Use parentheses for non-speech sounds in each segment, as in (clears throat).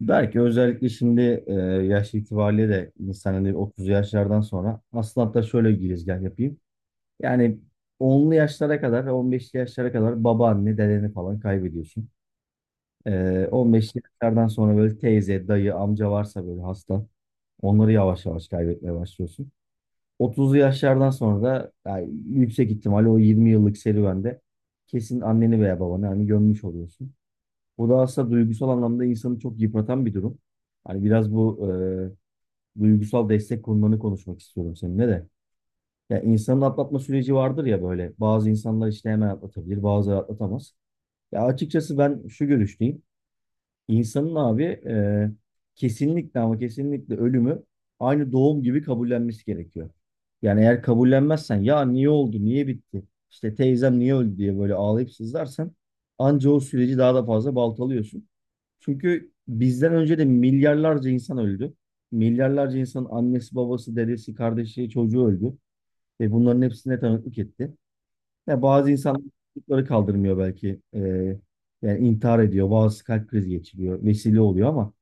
Belki özellikle şimdi yaş itibariyle de insan hani 30 yaşlardan sonra aslında hatta şöyle bir girizgah yapayım. Yani onlu yaşlara kadar ve 15'li yaşlara kadar babaanne, dedeni falan kaybediyorsun. E, 15'li yaşlardan sonra böyle teyze, dayı, amca varsa böyle hasta onları yavaş yavaş kaybetmeye başlıyorsun. 30'lu yaşlardan sonra da yani yüksek ihtimalle o 20 yıllık serüvende kesin anneni veya babanı hani gömmüş oluyorsun. Bu da aslında duygusal anlamda insanı çok yıpratan bir durum. Hani biraz bu duygusal destek konularını konuşmak istiyorum seninle de. Ya insanın atlatma süreci vardır ya böyle. Bazı insanlar işte hemen atlatabilir, bazıları atlatamaz. Ya açıkçası ben şu görüşteyim. İnsanın abi kesinlikle ama kesinlikle ölümü aynı doğum gibi kabullenmesi gerekiyor. Yani eğer kabullenmezsen ya niye oldu, niye bitti, işte teyzem niye öldü diye böyle ağlayıp sızlarsan anca o süreci daha da fazla baltalıyorsun. Çünkü bizden önce de milyarlarca insan öldü. Milyarlarca insanın annesi, babası, dedesi, kardeşi, çocuğu öldü. Ve bunların hepsine tanıklık etti. Ya bazı insanlar çocukları kaldırmıyor belki. Yani intihar ediyor. Bazısı kalp krizi geçiriyor. Vesile oluyor ama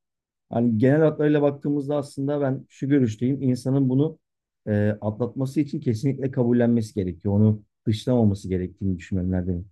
hani genel hatlarıyla baktığımızda aslında ben şu görüşteyim. İnsanın bunu atlatması için kesinlikle kabullenmesi gerekiyor. Onu dışlamaması gerektiğini düşünenlerdenim.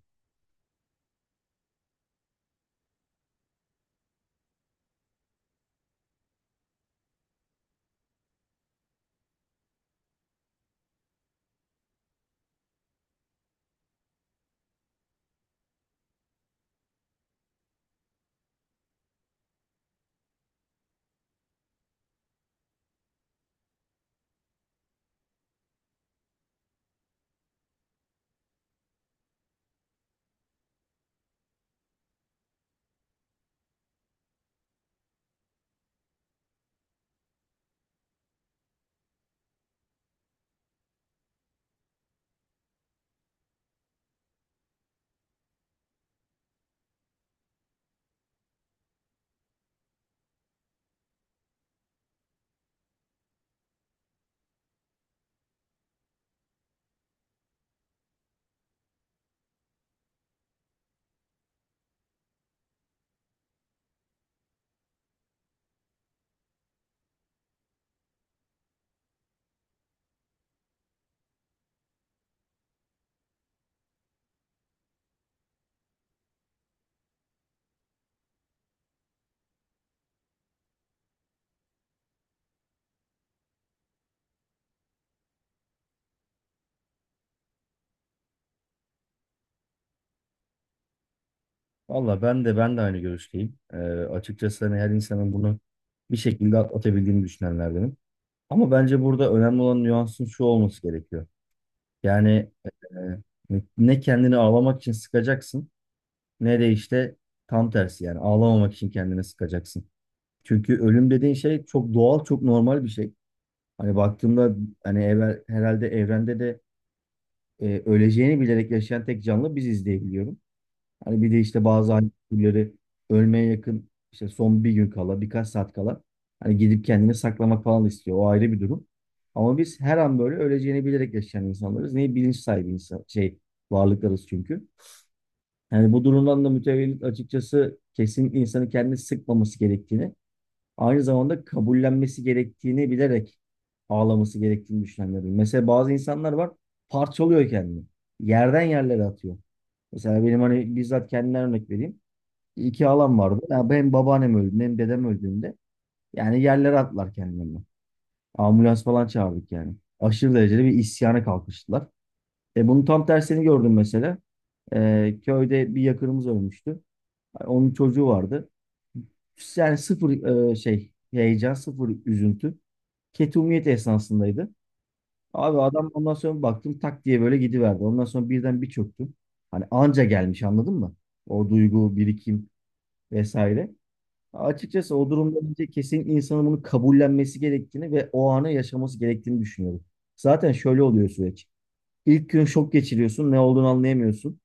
Valla ben de aynı görüşteyim. Açıkçası hani her insanın bunu bir şekilde atlatabildiğini düşünenlerdenim. Ama bence burada önemli olan nüansın şu olması gerekiyor. Yani ne kendini ağlamak için sıkacaksın ne de işte tam tersi yani ağlamamak için kendine sıkacaksın. Çünkü ölüm dediğin şey çok doğal, çok normal bir şey. Hani baktığımda hani evvel, herhalde evrende de öleceğini bilerek yaşayan tek canlı biziz diye biliyorum. Hani bir de işte bazı hani türleri ölmeye yakın işte son bir gün kala, birkaç saat kala hani gidip kendini saklamak falan istiyor. O ayrı bir durum. Ama biz her an böyle öleceğini bilerek yaşayan insanlarız. Neyi bilinç sahibi insan, şey varlıklarız çünkü. Yani bu durumdan da mütevellit açıkçası kesinlikle insanı kendini sıkmaması gerektiğini, aynı zamanda kabullenmesi gerektiğini bilerek ağlaması gerektiğini düşünenlerim. Mesela bazı insanlar var parçalıyor kendini. Yerden yerlere atıyor. Mesela benim hani bizzat kendimden örnek vereyim. İki halam vardı. Ya benim babaannem öldüğünde hem dedem öldüğünde yani yerlere attılar kendilerini. Ambulans falan çağırdık yani. Aşırı derecede bir isyana kalkıştılar. E bunun tam tersini gördüm mesela. Köyde bir yakınımız ölmüştü. Onun çocuğu vardı. Yani sıfır şey heyecan, sıfır üzüntü. Ketumiyet esnasındaydı. Abi adam ondan sonra baktım tak diye böyle gidiverdi. Ondan sonra birden bir çöktüm. Hani anca gelmiş anladın mı? O duygu, birikim vesaire. Açıkçası o durumda bence kesin insanın bunu kabullenmesi gerektiğini ve o anı yaşaması gerektiğini düşünüyorum. Zaten şöyle oluyor süreç. İlk gün şok geçiriyorsun, ne olduğunu anlayamıyorsun.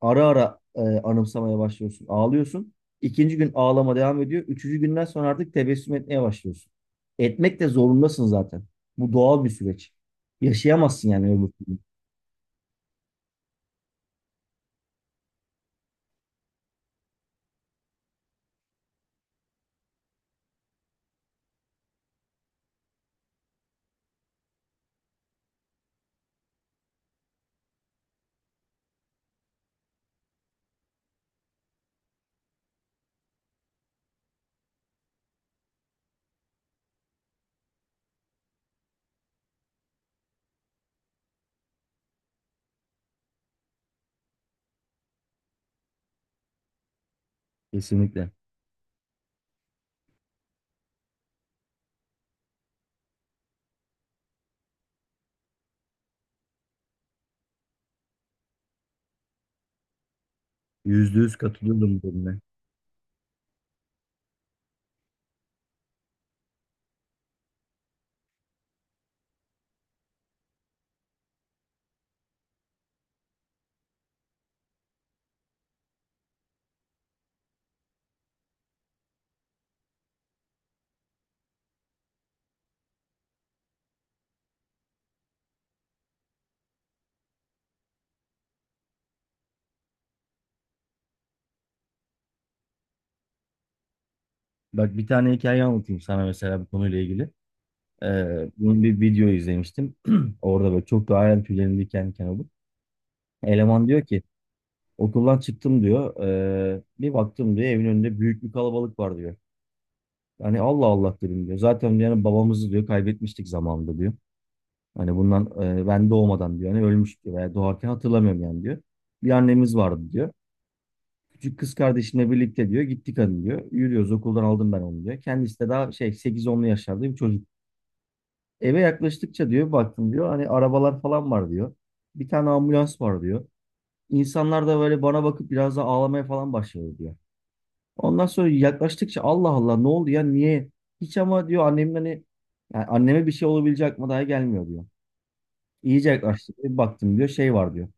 Ara ara anımsamaya başlıyorsun. Ağlıyorsun. İkinci gün ağlama devam ediyor. Üçüncü günden sonra artık tebessüm etmeye başlıyorsun. Etmek de zorundasın zaten. Bu doğal bir süreç. Yaşayamazsın yani öbür türlü. Kesinlikle. %100 katılıyorum bu konuda. Bak bir tane hikaye anlatayım sana mesela bu konuyla ilgili. Bunun bir video izlemiştim. (clears throat) Orada böyle çok da hayal tüylerim diken diken oldu. Eleman diyor ki okuldan çıktım diyor. Bir baktım diyor evin önünde büyük bir kalabalık var diyor. Hani Allah Allah dedim diyor. Zaten yani babamızı diyor kaybetmiştik zamanında diyor. Hani bundan ben doğmadan diyor. Hani ölmüş diyor veya doğarken hatırlamıyorum yani diyor. Bir annemiz vardı diyor. Küçük kız kardeşimle birlikte diyor gittik hani diyor. Yürüyoruz okuldan aldım ben onu diyor. Kendisi de daha şey sekiz onlu yaşlarda bir çocuk. Eve yaklaştıkça diyor baktım diyor hani arabalar falan var diyor. Bir tane ambulans var diyor. İnsanlar da böyle bana bakıp biraz da ağlamaya falan başladı diyor. Ondan sonra yaklaştıkça Allah Allah ne oldu ya niye? Hiç ama diyor annemin hani yani anneme bir şey olabilecek aklıma daha gelmiyor diyor. İyice yaklaştık. Bir baktım diyor şey var diyor.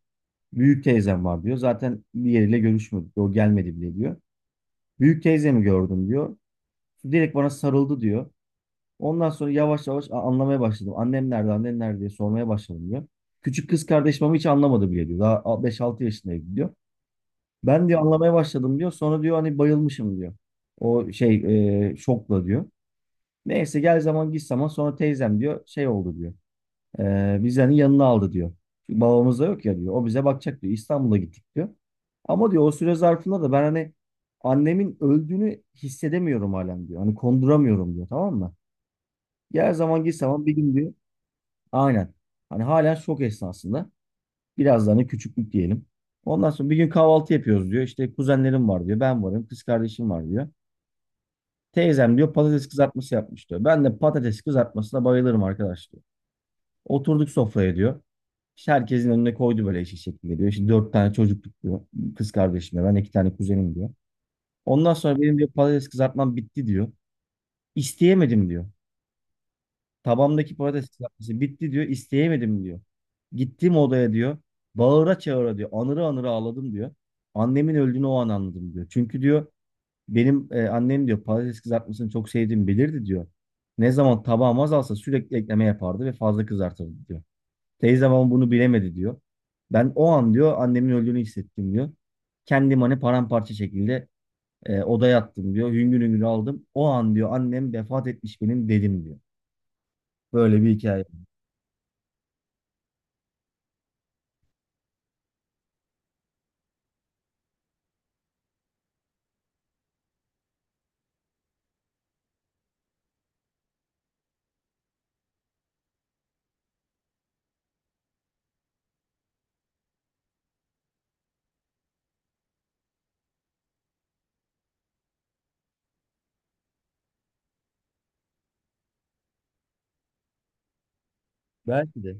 Büyük teyzem var diyor. Zaten diğeriyle görüşmedik. O gelmedi bile diyor. Büyük teyzemi gördüm diyor. Direkt bana sarıldı diyor. Ondan sonra yavaş yavaş anlamaya başladım. Annem nerede, annem nerede diye sormaya başladım diyor. Küçük kız kardeşim ama hiç anlamadı bile diyor. Daha 5-6 yaşındaydı diyor. Ben diyor anlamaya başladım diyor. Sonra diyor hani bayılmışım diyor. O şey şokla diyor. Neyse gel zaman git zaman sonra teyzem diyor şey oldu diyor. Biz yani yanına aldı diyor. Çünkü babamız da yok ya diyor. O bize bakacak diyor. İstanbul'a gittik diyor. Ama diyor o süre zarfında da ben hani annemin öldüğünü hissedemiyorum halen diyor. Hani konduramıyorum diyor tamam mı? Gel zaman git zaman bir gün diyor. Aynen. Hani halen şok esnasında. Biraz da hani küçüklük diyelim. Ondan sonra bir gün kahvaltı yapıyoruz diyor. İşte kuzenlerim var diyor. Ben varım. Kız kardeşim var diyor. Teyzem diyor patates kızartması yapmış diyor. Ben de patates kızartmasına bayılırım arkadaşlar. Oturduk sofraya diyor. İşte herkesin önüne koydu böyle eşek şekilde diyor. İşte dört tane çocukluk diyor. Kız kardeşim ben iki tane kuzenim diyor. Ondan sonra benim diyor patates kızartmam bitti diyor. İsteyemedim diyor. Tabamdaki patates kızartması bitti diyor. İsteyemedim diyor. Gittim odaya diyor. Bağıra çağıra diyor. Anıra anıra ağladım diyor. Annemin öldüğünü o an anladım diyor. Çünkü diyor benim annem diyor patates kızartmasını çok sevdiğimi bilirdi diyor. Ne zaman tabağım azalsa sürekli ekleme yapardı ve fazla kızartırdı diyor. Teyzem ama bunu bilemedi diyor. Ben o an diyor annemin öldüğünü hissettim diyor. Kendim hani paramparça şekilde odaya attım diyor. Hüngür hüngür aldım. O an diyor annem vefat etmiş benim dedim diyor. Böyle bir hikaye. Belki de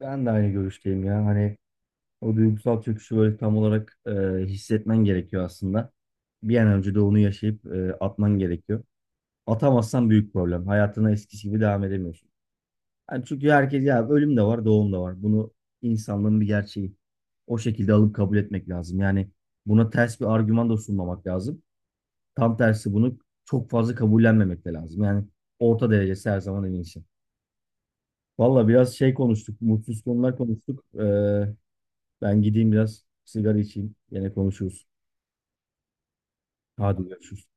ben de aynı görüşteyim ya. Hani o duygusal çöküşü böyle tam olarak hissetmen gerekiyor aslında. Bir an önce de onu yaşayıp atman gerekiyor. Atamazsan büyük problem. Hayatına eskisi gibi devam edemiyorsun. Yani çünkü herkes ya ölüm de var, doğum da var. Bunu insanlığın bir gerçeği. O şekilde alıp kabul etmek lazım. Yani buna ters bir argüman da sunmamak lazım. Tam tersi bunu çok fazla kabullenmemek de lazım. Yani orta derecesi her zaman en iyisi. Valla biraz şey konuştuk, mutsuz konular konuştuk. Ben gideyim biraz sigara içeyim. Yine konuşuruz. Hadi görüşürüz.